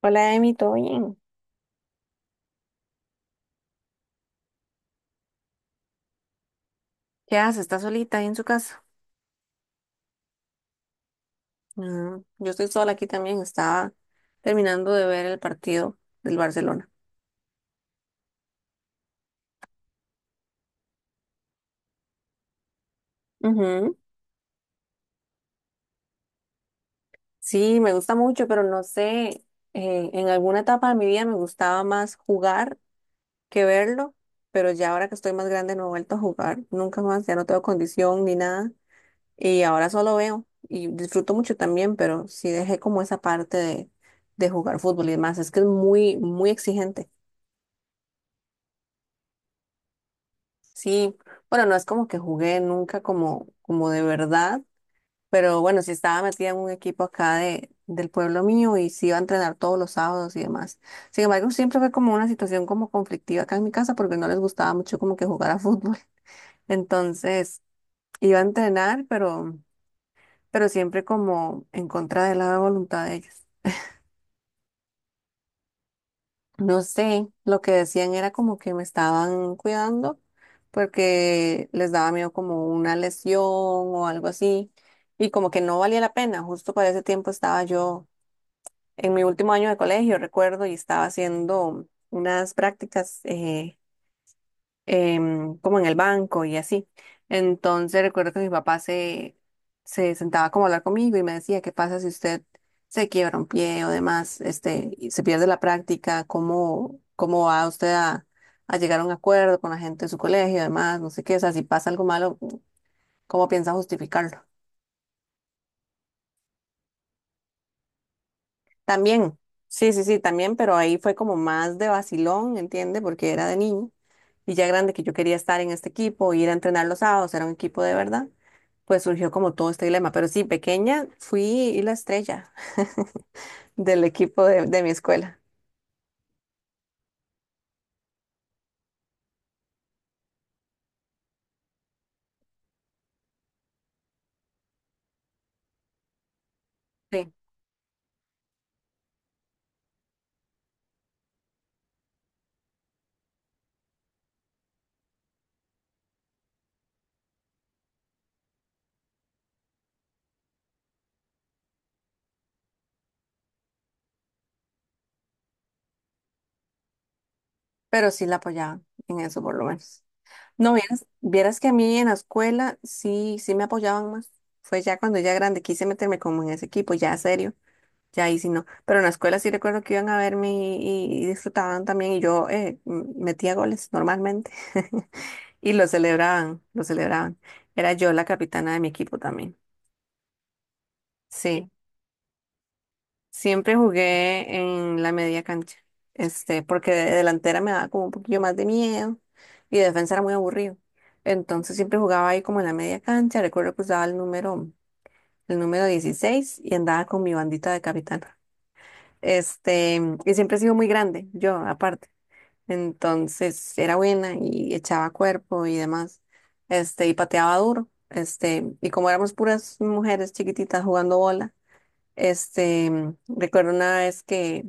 Hola, Emi, ¿todo bien? ¿Qué haces? ¿Estás solita ahí en su casa? Ah, yo estoy sola aquí también. Estaba terminando de ver el partido del Barcelona. Ujú. Sí, me gusta mucho, pero no sé, en alguna etapa de mi vida me gustaba más jugar que verlo, pero ya ahora que estoy más grande no he vuelto a jugar, nunca más, ya no tengo condición ni nada, y ahora solo veo y disfruto mucho también, pero sí dejé como esa parte de jugar fútbol y demás, es que es muy, muy exigente. Sí, bueno, no es como que jugué nunca como de verdad, pero bueno, sí estaba metida en un equipo acá del pueblo mío y sí iba a entrenar todos los sábados y demás. Sin embargo, siempre fue como una situación como conflictiva acá en mi casa porque no les gustaba mucho como que jugar a fútbol. Entonces, iba a entrenar, pero siempre como en contra de la voluntad de ellos. No sé, lo que decían era como que me estaban cuidando porque les daba miedo como una lesión o algo así y como que no valía la pena. Justo para ese tiempo estaba yo en mi último año de colegio, recuerdo, y estaba haciendo unas prácticas como en el banco y así. Entonces recuerdo que mi papá se sentaba como a hablar conmigo y me decía, ¿qué pasa si usted se quiebra un pie o demás, este, y se pierde la práctica? ¿Cómo va usted a llegar a un acuerdo con la gente de su colegio y demás? No sé qué, o sea, si pasa algo malo, ¿cómo piensa justificarlo? También, sí, sí, sí, también, pero ahí fue como más de vacilón, ¿entiende? Porque era de niño. Y ya grande que yo quería estar en este equipo, ir a entrenar los sábados, era un equipo de verdad, pues surgió como todo este dilema. Pero sí, pequeña fui la estrella del equipo de mi escuela. Sí. Pero sí la apoyaban en eso por lo menos. No, vieras, vieras que a mí en la escuela sí, sí me apoyaban más. Fue ya cuando ya grande quise meterme como en ese equipo, ya serio. Ya ahí sí no. Pero en la escuela sí recuerdo que iban a verme y disfrutaban también y yo metía goles normalmente y lo celebraban, lo celebraban. Era yo la capitana de mi equipo también. Sí, siempre jugué en la media cancha, este, porque de delantera me daba como un poquillo más de miedo y de defensa era muy aburrido. Entonces siempre jugaba ahí como en la media cancha. Recuerdo que usaba el número 16 y andaba con mi bandita de capitán. Este, y siempre he sido muy grande, yo aparte. Entonces era buena y echaba cuerpo y demás. Este, y pateaba duro. Este, y como éramos puras mujeres chiquititas jugando bola, este, recuerdo una vez que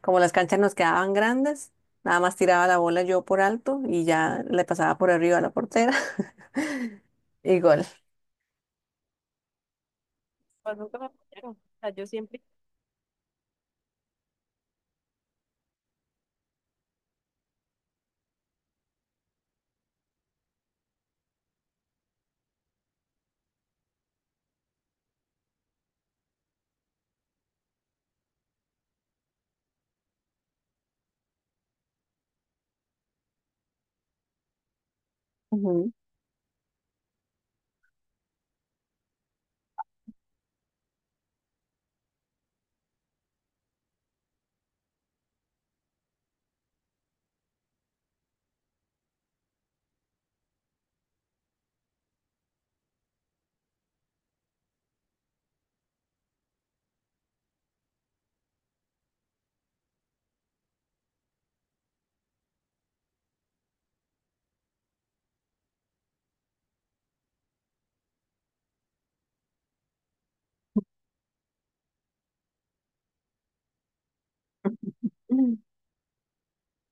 como las canchas nos quedaban grandes, nada más tiraba la bola yo por alto y ya le pasaba por arriba a la portera y gol. Pues nunca me apoyaron. O sea, yo siempre. Ujú.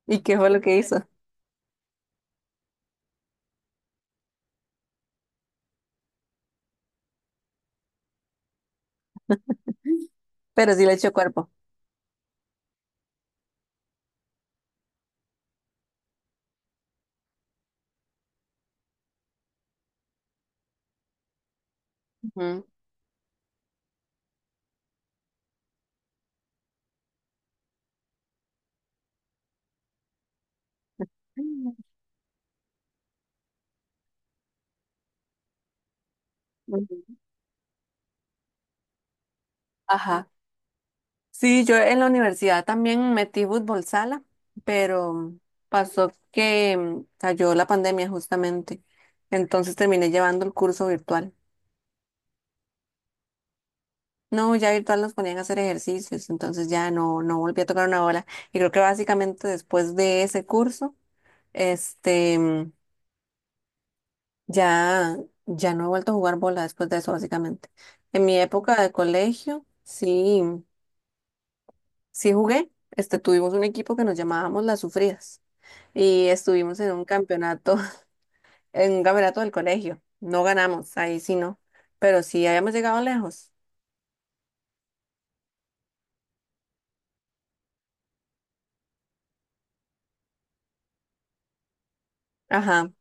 ¿Y qué fue lo que hizo? Pero sí le echó cuerpo. Ujú. Ajá. Sí, yo en la universidad también metí fútbol sala, pero pasó que cayó la pandemia justamente. Entonces terminé llevando el curso virtual. No, ya virtual nos ponían a hacer ejercicios, entonces ya no, no volví a tocar una bola. Y creo que básicamente después de ese curso, este, mm, ya, ya no he vuelto a jugar bola después de eso, básicamente. En mi época de colegio, sí. Sí jugué, este, tuvimos un equipo que nos llamábamos Las Sufridas y estuvimos en un campeonato, en un campeonato del colegio. No ganamos, ahí sí no, pero sí habíamos llegado lejos. Ajá,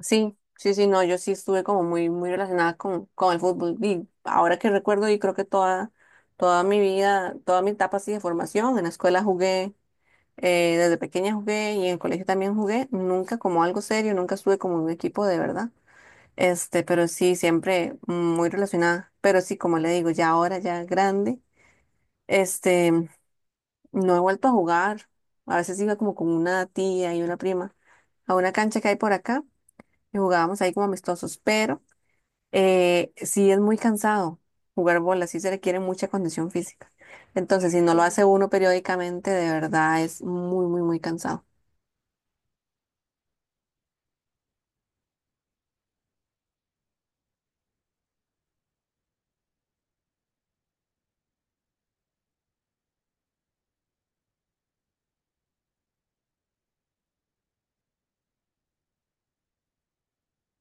sí, sí, sí, no, yo sí estuve como muy, muy relacionada con el fútbol y ahora que recuerdo y creo que toda, toda mi vida, toda mi etapa así de formación, en la escuela jugué, desde pequeña jugué y en el colegio también jugué, nunca como algo serio, nunca estuve como en un equipo de verdad. Este, pero sí, siempre muy relacionada. Pero sí, como le digo, ya ahora, ya grande, este, no he vuelto a jugar. A veces iba como con una tía y una prima a una cancha que hay por acá y jugábamos ahí como amistosos. Pero sí es muy cansado jugar bola, sí se requiere mucha condición física. Entonces, si no lo Sí. hace uno periódicamente, de verdad es muy, muy, muy cansado.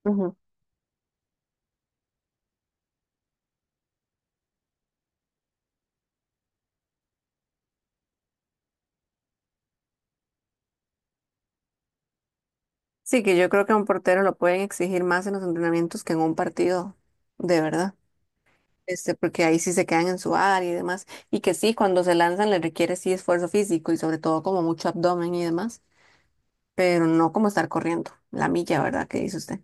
Ujú. Sí, que yo creo que a un portero lo pueden exigir más en los entrenamientos que en un partido, de verdad. Este, porque ahí sí se quedan en su área y demás. Y que sí, cuando se lanzan les requiere sí esfuerzo físico y sobre todo como mucho abdomen y demás, pero no como estar corriendo la milla, ¿verdad? ¿Qué dice usted?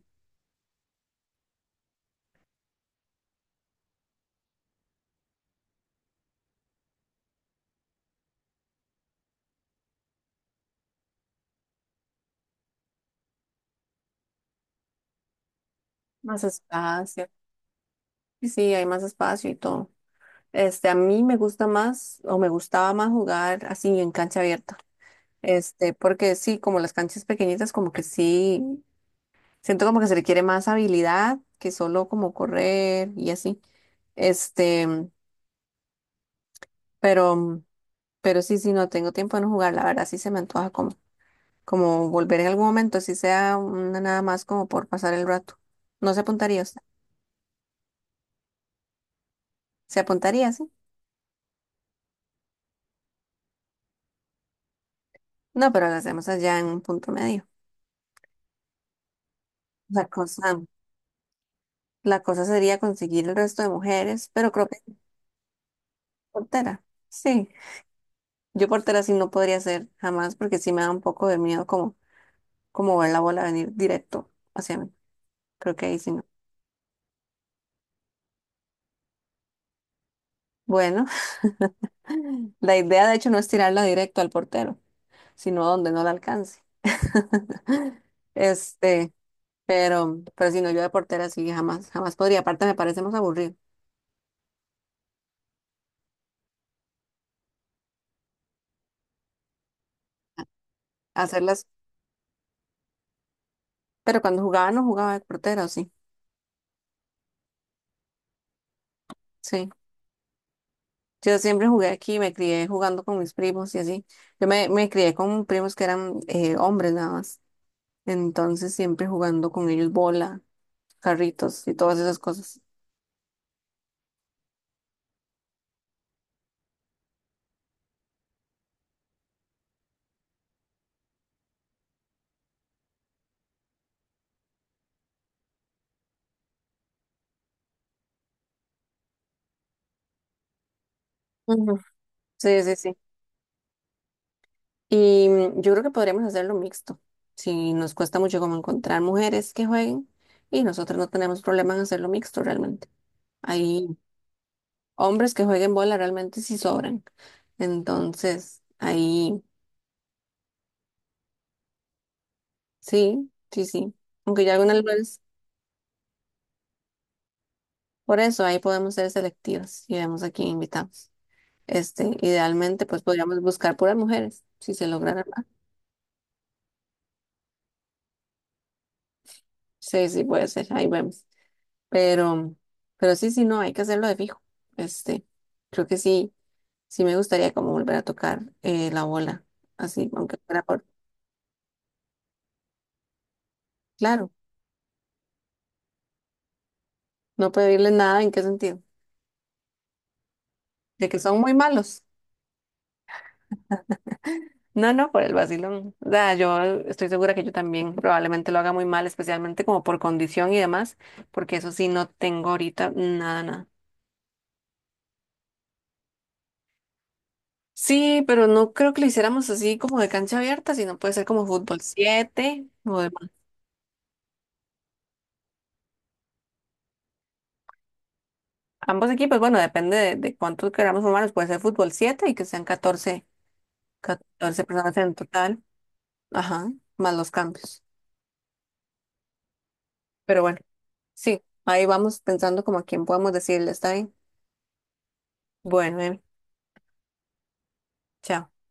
Más espacio. Y sí, hay más espacio y todo. Este, a mí me gusta más o me gustaba más jugar así en cancha abierta. Este, porque sí, como las canchas pequeñitas, como que sí, siento como que se requiere más habilidad que solo como correr y así. Este, pero... sí, no tengo tiempo de no jugar, la verdad, sí se me antoja como, como volver en algún momento, si sea una nada más como por pasar el rato. No se apuntaría usted. Se apuntaría, sí. No, pero lo hacemos allá en un punto medio. La cosa, la cosa sería conseguir el resto de mujeres, pero creo que portera. Sí. Yo portera sí no podría ser jamás, porque sí me da un poco de miedo como, como ver la bola venir directo hacia mí. Creo que ahí sí no. Bueno, la idea de hecho no es tirarla directo al portero, sino donde no la alcance. Este, pero si no, yo de portera sí jamás, jamás podría. Aparte me parece más aburrido hacerlas, pero cuando jugaba no jugaba de portera, ¿o sí, sí. Yo siempre jugué aquí, me crié jugando con mis primos y así. Me crié con primos que eran hombres nada más. Entonces siempre jugando con ellos bola, carritos y todas esas cosas. Ujú. Sí, sí, sí. Y yo creo que podríamos hacerlo mixto. Si nos cuesta mucho como encontrar mujeres que jueguen y nosotros no tenemos problema en hacerlo mixto realmente. Hay hombres que jueguen bola realmente sí sobran. Entonces, ahí sí, sí, sí. Aunque ya algunas veces, por eso ahí podemos ser selectivas y vemos a quién invitamos. Este, idealmente, pues podríamos buscar puras mujeres, si se lograra. Sí, sí, puede ser, ahí vemos. Pero, pero sí, sí, no, hay que hacerlo de fijo. Este, creo que sí. Sí me gustaría como volver a tocar la bola, así, aunque fuera por... Claro, no pedirles nada, ¿en qué sentido? De que son muy malos. No, no, por el vacilón. O sea, yo estoy segura que yo también probablemente lo haga muy mal, especialmente como por condición y demás, porque eso sí no tengo ahorita nada, nada. Sí, pero no creo que lo hiciéramos así como de cancha abierta, sino puede ser como fútbol 7 o demás. Ambos equipos, bueno, depende de cuántos queramos formarnos, puede ser fútbol 7 y que sean 14 personas en total. Ajá, más los cambios. Pero bueno, sí, ahí vamos pensando como a quién podemos decirle, está bien. Bueno, Emi, chao.